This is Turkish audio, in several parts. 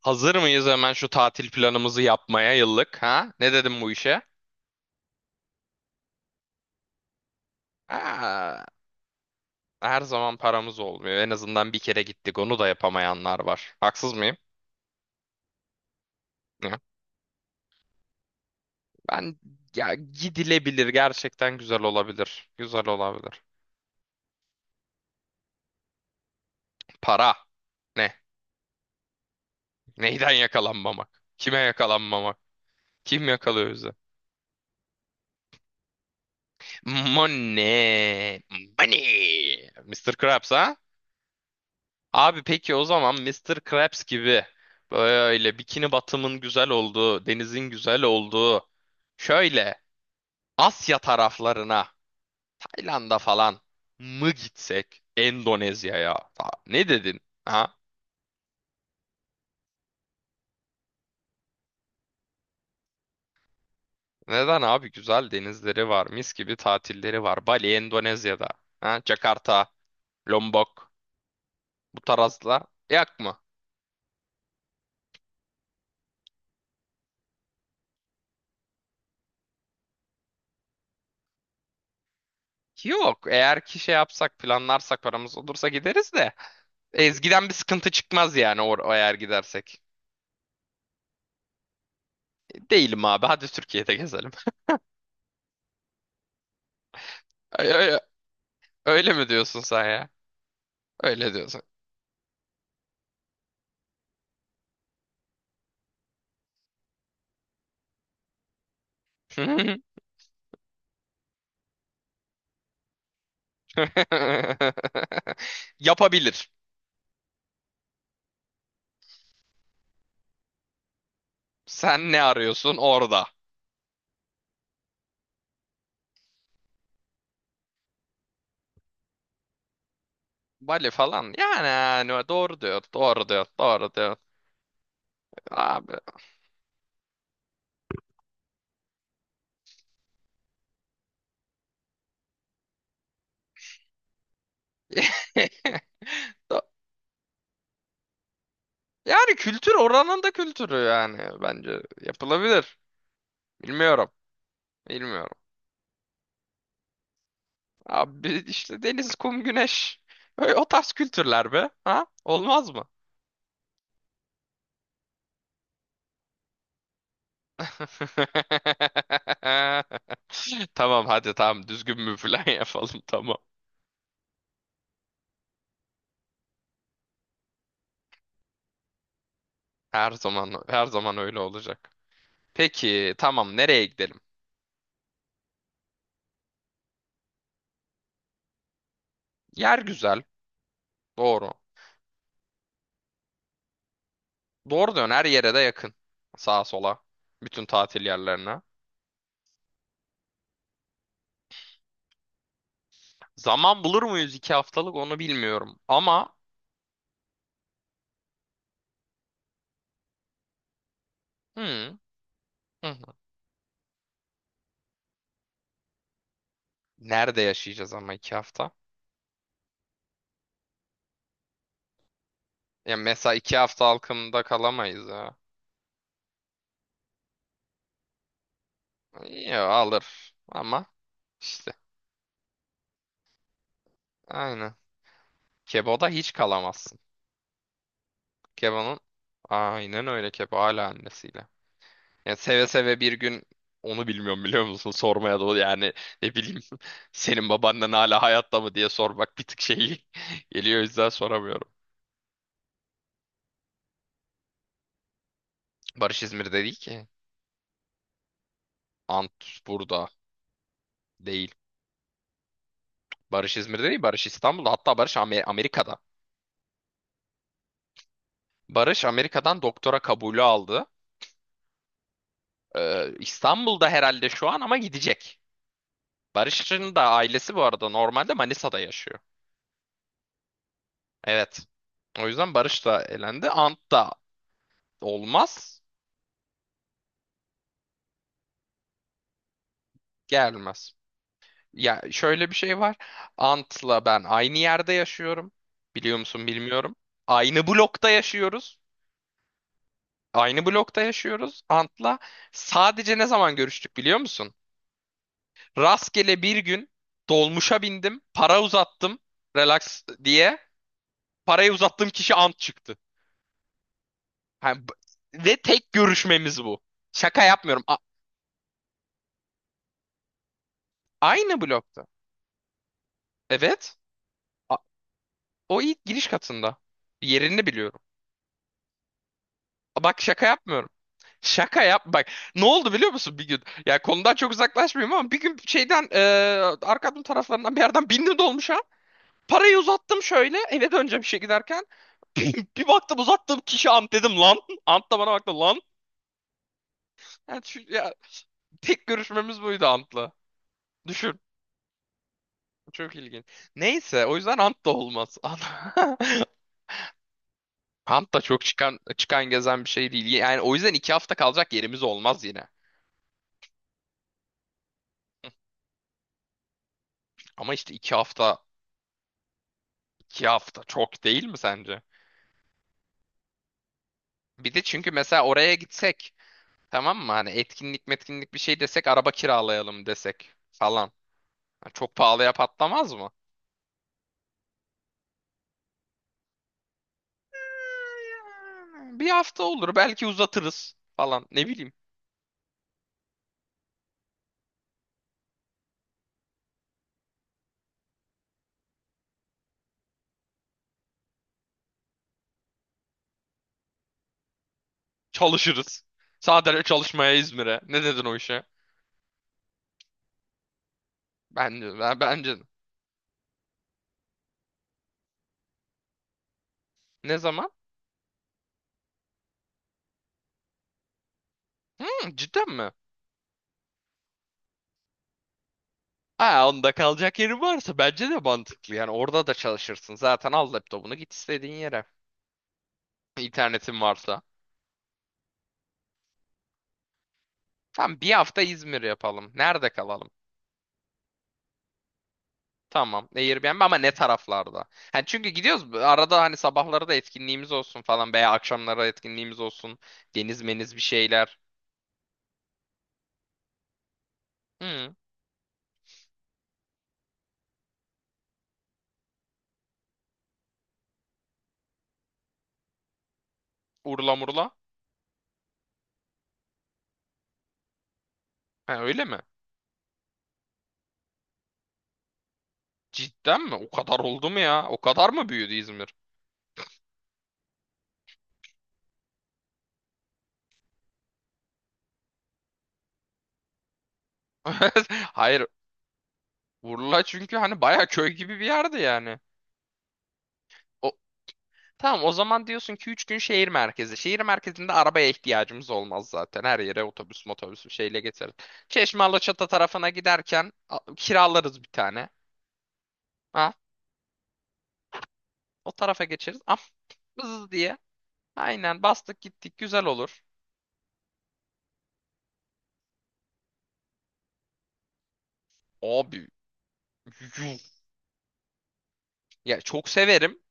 Hazır mıyız hemen şu tatil planımızı yapmaya yıllık ha? Ne dedim bu işe? Aa, Her zaman paramız olmuyor. En azından bir kere gittik. Onu da yapamayanlar var. Haksız mıyım? Ya, Ben ya gidilebilir. Gerçekten güzel olabilir. Güzel olabilir. Para. Ne? Neyden yakalanmamak? Kime yakalanmamak? Kim yakalıyor bizi? Money. Money. Mr. Krabs ha? Abi peki o zaman Mister Krabs gibi böyle bikini batımın güzel olduğu, denizin güzel olduğu şöyle Asya taraflarına, Tayland'a falan mı gitsek? Endonezya'ya. Ne dedin? Ha? Neden abi? Güzel denizleri var, mis gibi tatilleri var. Bali, Endonezya'da. Ha? Jakarta, Lombok bu tarzla yak mı? Yok. Eğer ki şey yapsak, planlarsak, paramız olursa gideriz de. Ezgi'den bir sıkıntı çıkmaz yani or eğer gidersek. Değilim abi. Hadi Türkiye'de gezelim. Ay- ay- Öyle mi diyorsun sen ya? Öyle diyorsun. Yapabilir. Sen ne arıyorsun orada? Bali falan. Yani, yani doğru diyor. Doğru diyor. Doğru diyor. Abi. Do- Yani kültür oranın da kültürü yani. Bence yapılabilir. Bilmiyorum. Bilmiyorum. Abi işte deniz, kum, güneş. Öyle o tarz kültürler be. Ha? Olmaz mı? Tamam hadi tamam düzgün bir plan yapalım tamam. Her zaman her zaman öyle olacak. Peki tamam nereye gidelim? Yer güzel, doğru. Doğru dön her yere de yakın. Sağa sola bütün tatil yerlerine. Zaman bulur muyuz iki haftalık onu bilmiyorum ama hı, hı hı. Nerede yaşayacağız ama iki hafta? Ya mesela iki hafta halkında kalamayız ya. Ya alır ama işte aynen. Kebo'da hiç kalamazsın. Keba'nın aynen öyle, Keba hala annesiyle. Yani seve seve bir gün onu bilmiyorum biliyor musun? Sormaya da yani ne bileyim senin babaannen hala hayatta mı diye sormak bir tık şey geliyor o yüzden soramıyorum. Barış İzmir'de değil ki. Antus burada değil. Barış İzmir'de değil, Barış İstanbul'da, hatta Barış Amerika'da. Barış Amerika'dan doktora kabulü aldı. İstanbul'da herhalde şu an ama gidecek. Barış'ın da ailesi bu arada normalde Manisa'da yaşıyor. Evet. O yüzden Barış da elendi. Ant da olmaz, gelmez. Ya şöyle bir şey var. Ant'la ben aynı yerde yaşıyorum. Biliyor musun bilmiyorum. Aynı blokta yaşıyoruz. Aynı blokta yaşıyoruz Ant'la. Sadece ne zaman görüştük biliyor musun? Rastgele bir gün dolmuşa bindim, para uzattım, relax diye. Parayı uzattığım kişi Ant çıktı. Ha, b- ve tek görüşmemiz bu. Şaka yapmıyorum. Aynı blokta. Evet. O ilk giriş katında. Yerini biliyorum. Bak şaka yapmıyorum. Şaka yap bak. Ne oldu biliyor musun bir gün? Ya konudan çok uzaklaşmayayım ama bir gün şeyden arkamın taraflarından bir yerden bindi dolmuşa. Parayı uzattım şöyle eve döneceğim işe giderken. Bir baktım uzattığım kişi Ant, dedim lan. Ant da bana baktı lan. Yani şu, tek görüşmemiz buydu Ant'la. Düşün. Çok ilginç. Neyse o yüzden Ant da olmaz. Ant da çok çıkan çıkan gezen bir şey değil. Yani o yüzden iki hafta kalacak yerimiz olmaz yine. Ama işte iki hafta çok değil mi sence? Bir de çünkü mesela oraya gitsek tamam mı? Hani etkinlik metkinlik bir şey desek araba kiralayalım desek falan. Yani çok pahalıya patlamaz mı? Yani bir hafta olur belki uzatırız falan ne bileyim. Çalışırız. Sadece çalışmaya İzmir'e. Ne dedin o işe? Bence. Ne zaman? Hmm, cidden mi? Ha, onda kalacak yerin varsa bence de mantıklı. Yani orada da çalışırsın. Zaten al laptopunu git istediğin yere. İnternetin varsa. Tamam bir hafta İzmir yapalım. Nerede kalalım? Tamam. Airbnb ama ne taraflarda? Hani çünkü gidiyoruz. Arada hani sabahları da etkinliğimiz olsun falan veya akşamları etkinliğimiz olsun. Deniz meniz bir şeyler. Hı, Urla murla. Ha, öyle mi? Cidden mi? O kadar oldu mu ya? O kadar mı büyüdü İzmir? Hayır. Urla çünkü hani baya köy gibi bir yerdi yani. O, tamam o zaman diyorsun ki 3 gün şehir merkezi. Şehir merkezinde arabaya ihtiyacımız olmaz zaten. Her yere otobüs motobüs bir şeyle getiririz. Çeşme Alaçatı tarafına giderken kiralarız bir tane. Ha, o tarafa geçeriz. Ah, bız diye. Aynen bastık gittik güzel olur. Abi yuh. Ya çok severim.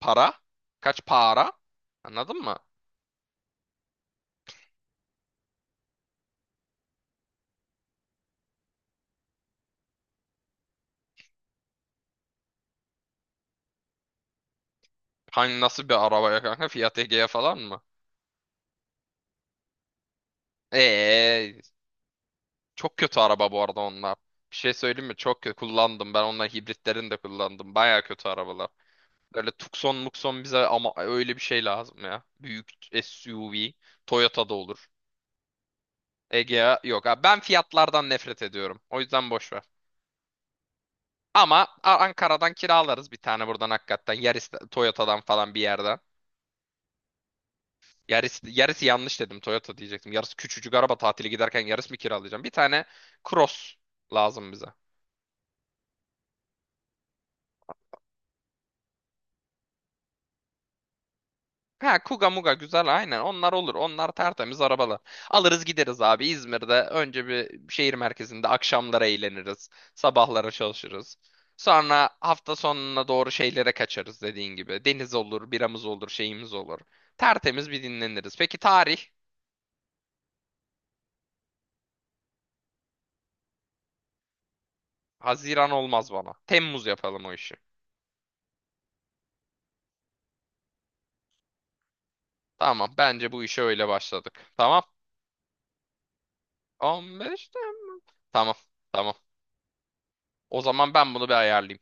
Para. Kaç para? Anladın mı? Hani nasıl bir arabaya kanka? Fiat Egea falan mı? Eee Çok kötü araba bu arada onlar. Bir şey söyleyeyim mi? Çok kötü kullandım. Ben onların hibritlerini de kullandım. Baya kötü arabalar. Böyle Tucson, Muxon bize ama öyle bir şey lazım ya. Büyük SUV. Toyota'da olur. Egea yok. Abi ben fiyatlardan nefret ediyorum. O yüzden boş ver. Ama Ankara'dan kiralarız bir tane buradan hakikaten. Yaris, Toyota'dan falan bir yerden. Yaris'i yanlış dedim. Toyota diyecektim. Yaris küçücük araba, tatili giderken Yaris mi kiralayacağım? Bir tane Cross lazım bize. Ha Kuga Muga güzel, aynen onlar olur, onlar tertemiz arabalar. Alırız gideriz abi İzmir'de önce bir şehir merkezinde akşamlara eğleniriz. Sabahlara çalışırız. Sonra hafta sonuna doğru şeylere kaçarız dediğin gibi. Deniz olur, biramız olur, şeyimiz olur. Tertemiz bir dinleniriz. Peki tarih? Haziran olmaz bana. Temmuz yapalım o işi. Tamam bence bu işe öyle başladık. Tamam. 15 Temmuz. Tamam tamam. O zaman ben bunu bir ayarlayayım.